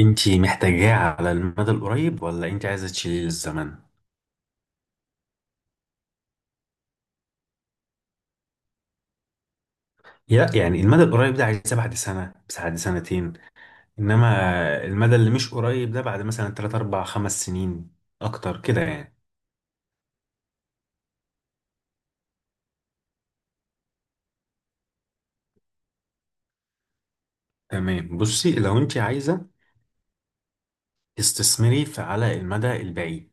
انتي محتاجاه على المدى القريب ولا انتي عايزه تشيليه للزمن؟ لا، يعني المدى القريب ده عايزاه بعد سنه، بس بعد سنتين، انما المدى اللي مش قريب ده بعد مثلا 3 4 5 سنين اكتر كده يعني. تمام، بصي، لو انتي عايزه تستثمري في على المدى البعيد،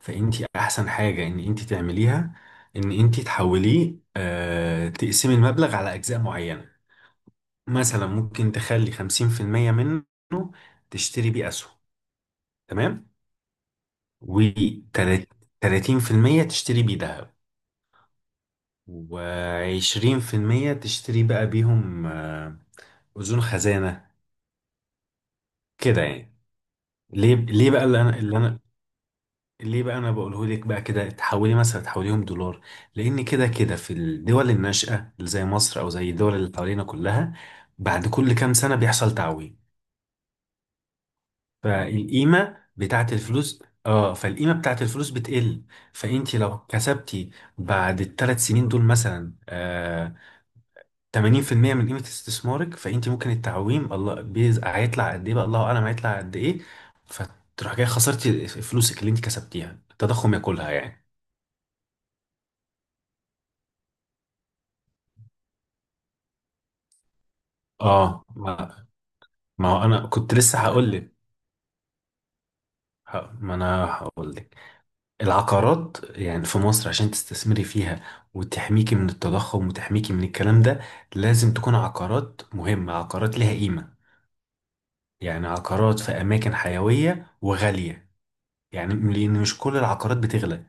فانتي احسن حاجه ان انتي تعمليها ان انتي تحوليه تقسمي المبلغ على اجزاء معينه. مثلا ممكن تخلي 50% منه تشتري بيه اسهم، تمام. و 30% تشتري بيه ذهب، و20% تشتري بقى بيهم أذون خزانة، كده يعني. ليه بقى اللي انا ليه بقى انا بقوله لك بقى كده تحولي مثلا تحوليهم دولار. لان كده في الدول الناشئة اللي زي مصر او زي الدول اللي حوالينا كلها، بعد كل كام سنة بيحصل تعويم. فالقيمة بتاعت الفلوس، فالقيمة بتاعت الفلوس بتقل. فانت لو كسبتي بعد الثلاث سنين دول مثلا 80% من قيمة استثمارك، فانت ممكن التعويم الله هيطلع قد ايه بقى، الله اعلم هيطلع قد ايه. فتروح جاي خسرتي فلوسك اللي انت كسبتيها التضخم ياكلها يعني. اه ما, ما هو انا كنت لسه هقول لك، ما انا هقول لك، العقارات يعني في مصر عشان تستثمري فيها، وتحميكي من التضخم وتحميكي من الكلام ده، لازم تكون عقارات مهمة، عقارات لها قيمة، يعني عقارات في اماكن حيوية وغالية، يعني لان مش كل العقارات بتغلى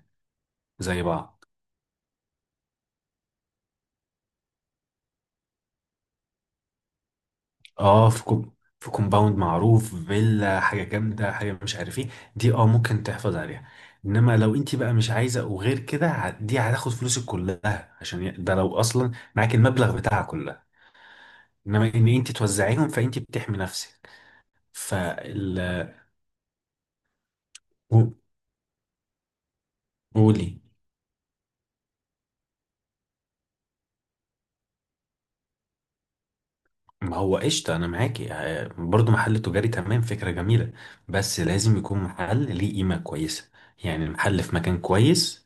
زي بعض. اه، في كومباوند معروف، فيلا، حاجه جامده، حاجه مش عارف ايه، دي اه ممكن تحفظ عليها. انما لو انت بقى مش عايزه وغير كده، دي هتاخد فلوسك كلها عشان ده لو اصلا معاك المبلغ بتاعها كلها. انما ان انت توزعيهم فانت بتحمي نفسك. فال قو- قولي. ما هو قشطه، انا معاكي، برضو محل تجاري تمام، فكره جميله، بس لازم يكون محل ليه قيمه كويسه، يعني المحل في مكان كويس،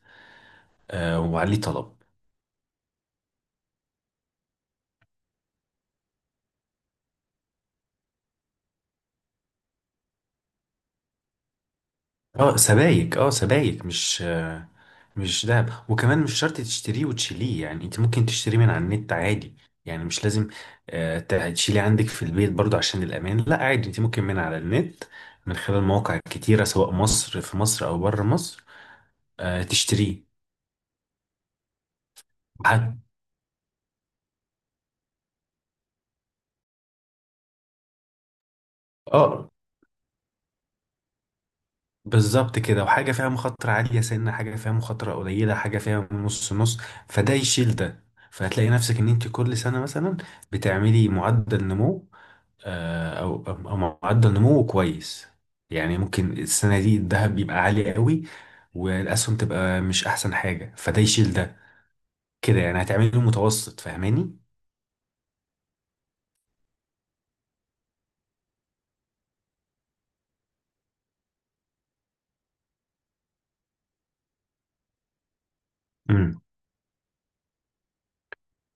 وعليه طلب. اه سبايك، اه سبايك، مش مش دهب، وكمان مش شرط تشتريه وتشيليه. يعني انت ممكن تشتريه من على النت عادي، يعني مش لازم تشيليه عندك في البيت، برضو عشان الأمان. لا عادي، انت ممكن من على النت، من خلال مواقع كتيرة سواء مصر في مصر أو بره مصر، تشتريه. حاجة. اه، بالظبط كده. وحاجة فيها مخاطرة عالية سنة، حاجة فيها مخاطرة قليلة، حاجة فيها نص نص، فده يشيل ده. فهتلاقي نفسك ان انت كل سنة مثلا بتعملي معدل نمو، او معدل نموه كويس. يعني ممكن السنه دي الذهب يبقى عالي قوي، والاسهم تبقى مش احسن حاجه، فده يشيل ده، كده يعني، هتعملي له متوسط. فاهماني؟ امم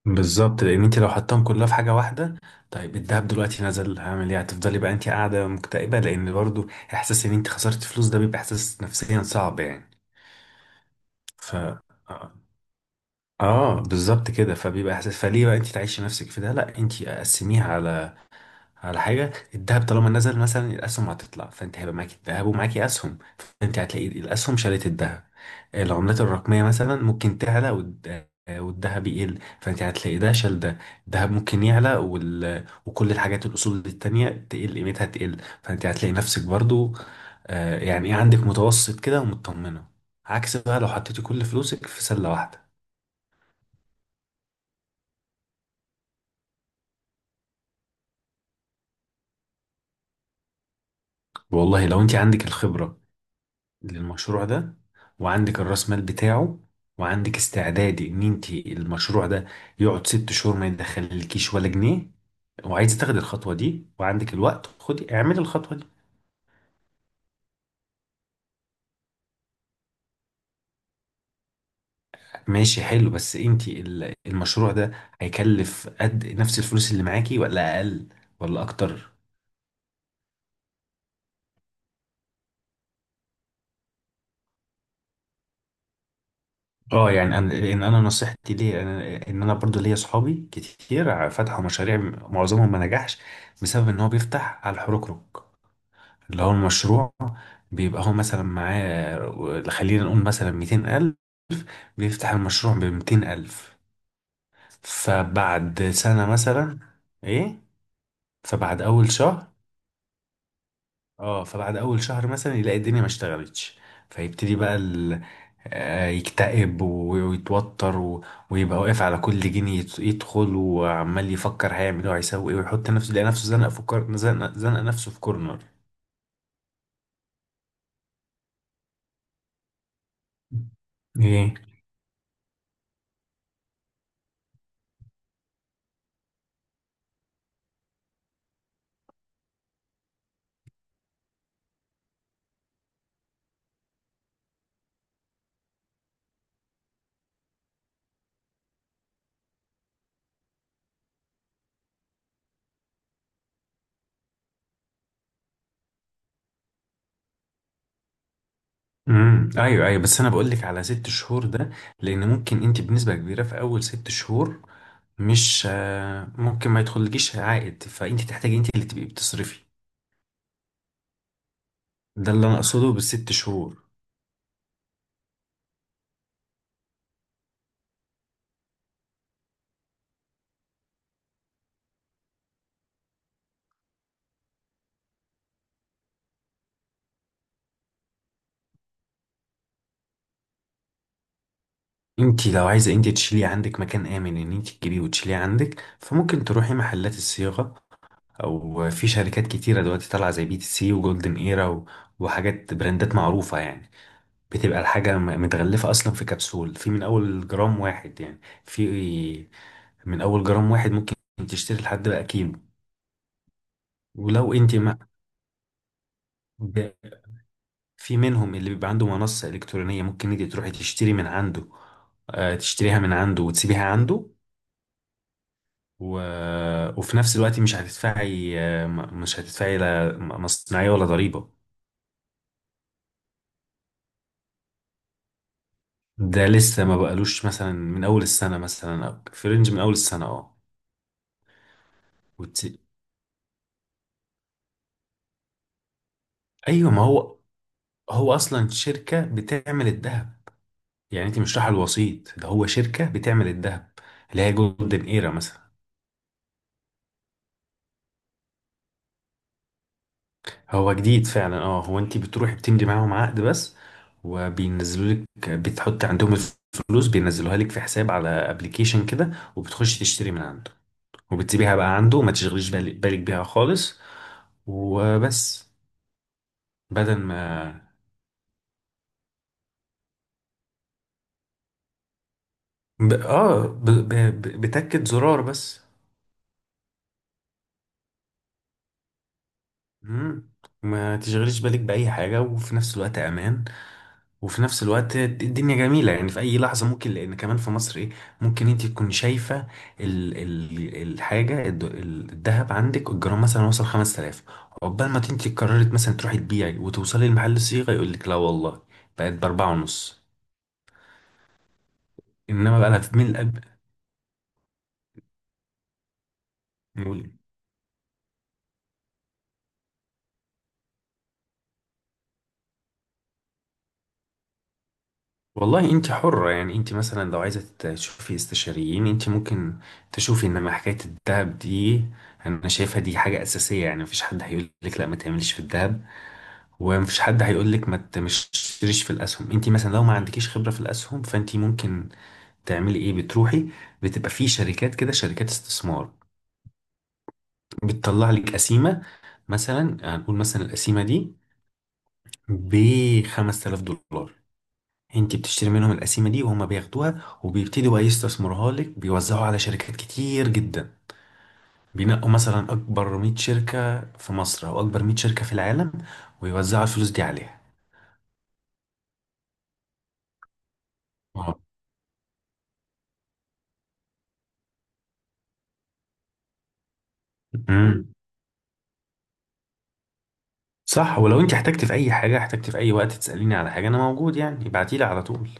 بالظبط، لان انت لو حطيتهم كلها في حاجه واحده، طيب الذهب دلوقتي نزل، هعمل ايه؟ هتفضلي بقى انت قاعده مكتئبه، لان برضو احساس ان انت خسرت فلوس ده بيبقى احساس نفسيا صعب يعني. ف اه آه، بالظبط كده، فبيبقى احساس، فليه بقى انت تعيشي نفسك في ده؟ لا، انت قسميها على حاجة. الذهب طالما نزل مثلا، الأسهم هتطلع، فأنت هيبقى معاكي الذهب ومعاكي أسهم، فأنت هتلاقي الأسهم شالت الذهب. العملات الرقمية مثلا ممكن تعلى والذهب يقل، فأنت هتلاقي ده شال ده. الذهب ممكن يعلى وكل الحاجات الأصول التانية تقل قيمتها تقل، فأنت هتلاقي نفسك برضو يعني إيه عندك متوسط كده ومطمنة، عكس بقى لو حطيتي كل فلوسك في سلة واحدة. والله لو أنت عندك الخبرة للمشروع ده، وعندك الراس مال بتاعه، وعندك استعدادي ان انت المشروع ده يقعد 6 شهور ما يدخلكيش ولا جنيه، وعايزه تاخدي الخطوه دي وعندك الوقت، خدي اعملي الخطوه دي. ماشي، حلو، بس انت المشروع ده هيكلف قد نفس الفلوس اللي معاكي، ولا اقل، ولا اكتر؟ اه، يعني ان انا نصيحتي ليه، ان انا برضو ليا اصحابي كتير فتحوا مشاريع، معظمهم ما نجحش، بسبب ان هو بيفتح على الحركرك، اللي هو المشروع. بيبقى هو مثلا معاه، خلينا نقول مثلا 200 ألف، بيفتح المشروع بميتين ألف، فبعد سنة مثلا. إيه؟ فبعد أول شهر، اه، فبعد أول شهر مثلا يلاقي الدنيا ما اشتغلتش، فيبتدي بقى ال... آه، يكتئب ويتوتر ويبقى واقف على كل جنيه يدخل، وعمال يفكر هيعمل ايه وهيسوي ايه، ويحط نفسه، يلاقي نفسه زنق نفسه في كورنر. ايه؟ ايوه، ايوه، بس انا بقول لك على 6 شهور ده، لان ممكن انت بنسبه كبيره في اول 6 شهور مش ممكن ما يدخلكيش عائد، فانت تحتاجي انت اللي تبقي بتصرفي. ده اللي انا اقصده بالست شهور. انت لو عايزه انت تشيلي عندك مكان امن ان انت تجيبيه وتشيليه عندك، فممكن تروحي محلات الصياغه، او في شركات كتيره دلوقتي طالعه زي بي تي سي وجولدن ايرا وحاجات براندات معروفه يعني. بتبقى الحاجة متغلفة أصلا في كبسول، في من أول جرام واحد، يعني في من أول جرام واحد ممكن تشتري لحد بقى كيلو. ولو أنت ما ب- في منهم اللي بيبقى عنده منصة إلكترونية، ممكن أنت تروحي تشتري من عنده، تشتريها من عنده وتسيبيها عنده و... وفي نفس الوقت مش هتدفعي مش هتدفعي لا مصنعية ولا ضريبة. ده لسه ما بقالوش مثلا من أول السنة مثلا، أو في رينج من أول السنة، اه. وت... أيوة، ما هو، هو اصلا شركه بتعمل الذهب، يعني انت مش رايحه الوسيط، ده هو شركه بتعمل الذهب، اللي هي جولدن ايرا مثلا. هو جديد فعلا، اه. هو انت بتروحي بتمضي معاهم عقد بس، وبينزلوا لك، بتحط عندهم الفلوس بينزلوها لك في حساب على ابلكيشن كده، وبتخشي تشتري من عنده، وبتسيبيها بقى عنده وما تشغليش بالك بيها خالص. وبس. بدل ما ب... اه ب... ب... ب- بتاكد زرار بس. مم. ما تشغليش بالك بأي حاجة، وفي نفس الوقت أمان، وفي نفس الوقت الدنيا جميلة يعني، في أي لحظة ممكن، لأن كمان في مصر إيه، ممكن أنت تكون شايفة ال ال الحاجة الذهب، عندك الجرام مثلا وصل 5000، عقبال ما أنت قررت مثلا تروحي تبيعي وتوصلي لمحل الصيغة، يقول لك لا والله بقت بأربعة ونص. إنما بقى لها من الأب والله انت حرة يعني، انت مثلا لو عايزة تشوفي استشاريين انت ممكن تشوفي، انما حكاية الذهب دي انا شايفها دي حاجة اساسية يعني، مفيش حد هيقول لك لا ما تعملش في الذهب، ومفيش حد هيقول لك ما ت- مش تشتريش في الاسهم. انت مثلا لو ما عندكيش خبرة في الاسهم، فانت ممكن تعملي ايه؟ بتروحي، بتبقى في شركات كده، شركات استثمار، بتطلع لك قسيمة، مثلا هنقول مثلا القسيمة دي ب 5000 دولار، انت بتشتري منهم القسيمه دي، وهم بياخدوها وبيبتدوا بقى يستثمروها لك، بيوزعوها على شركات كتير جدا، بينقوا مثلا اكبر 100 شركه في مصر او اكبر 100 شركه في العالم، ويوزعوا الفلوس دي عليها. اه. امم صح. ولو انت احتجت في اي حاجه، احتجت في اي وقت تساليني على حاجه انا موجود يعني، ابعتيلي على طول.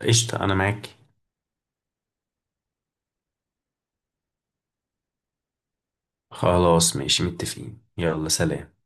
قشطه، انا معاك. خلاص ماشي، متفقين، يلا سلام.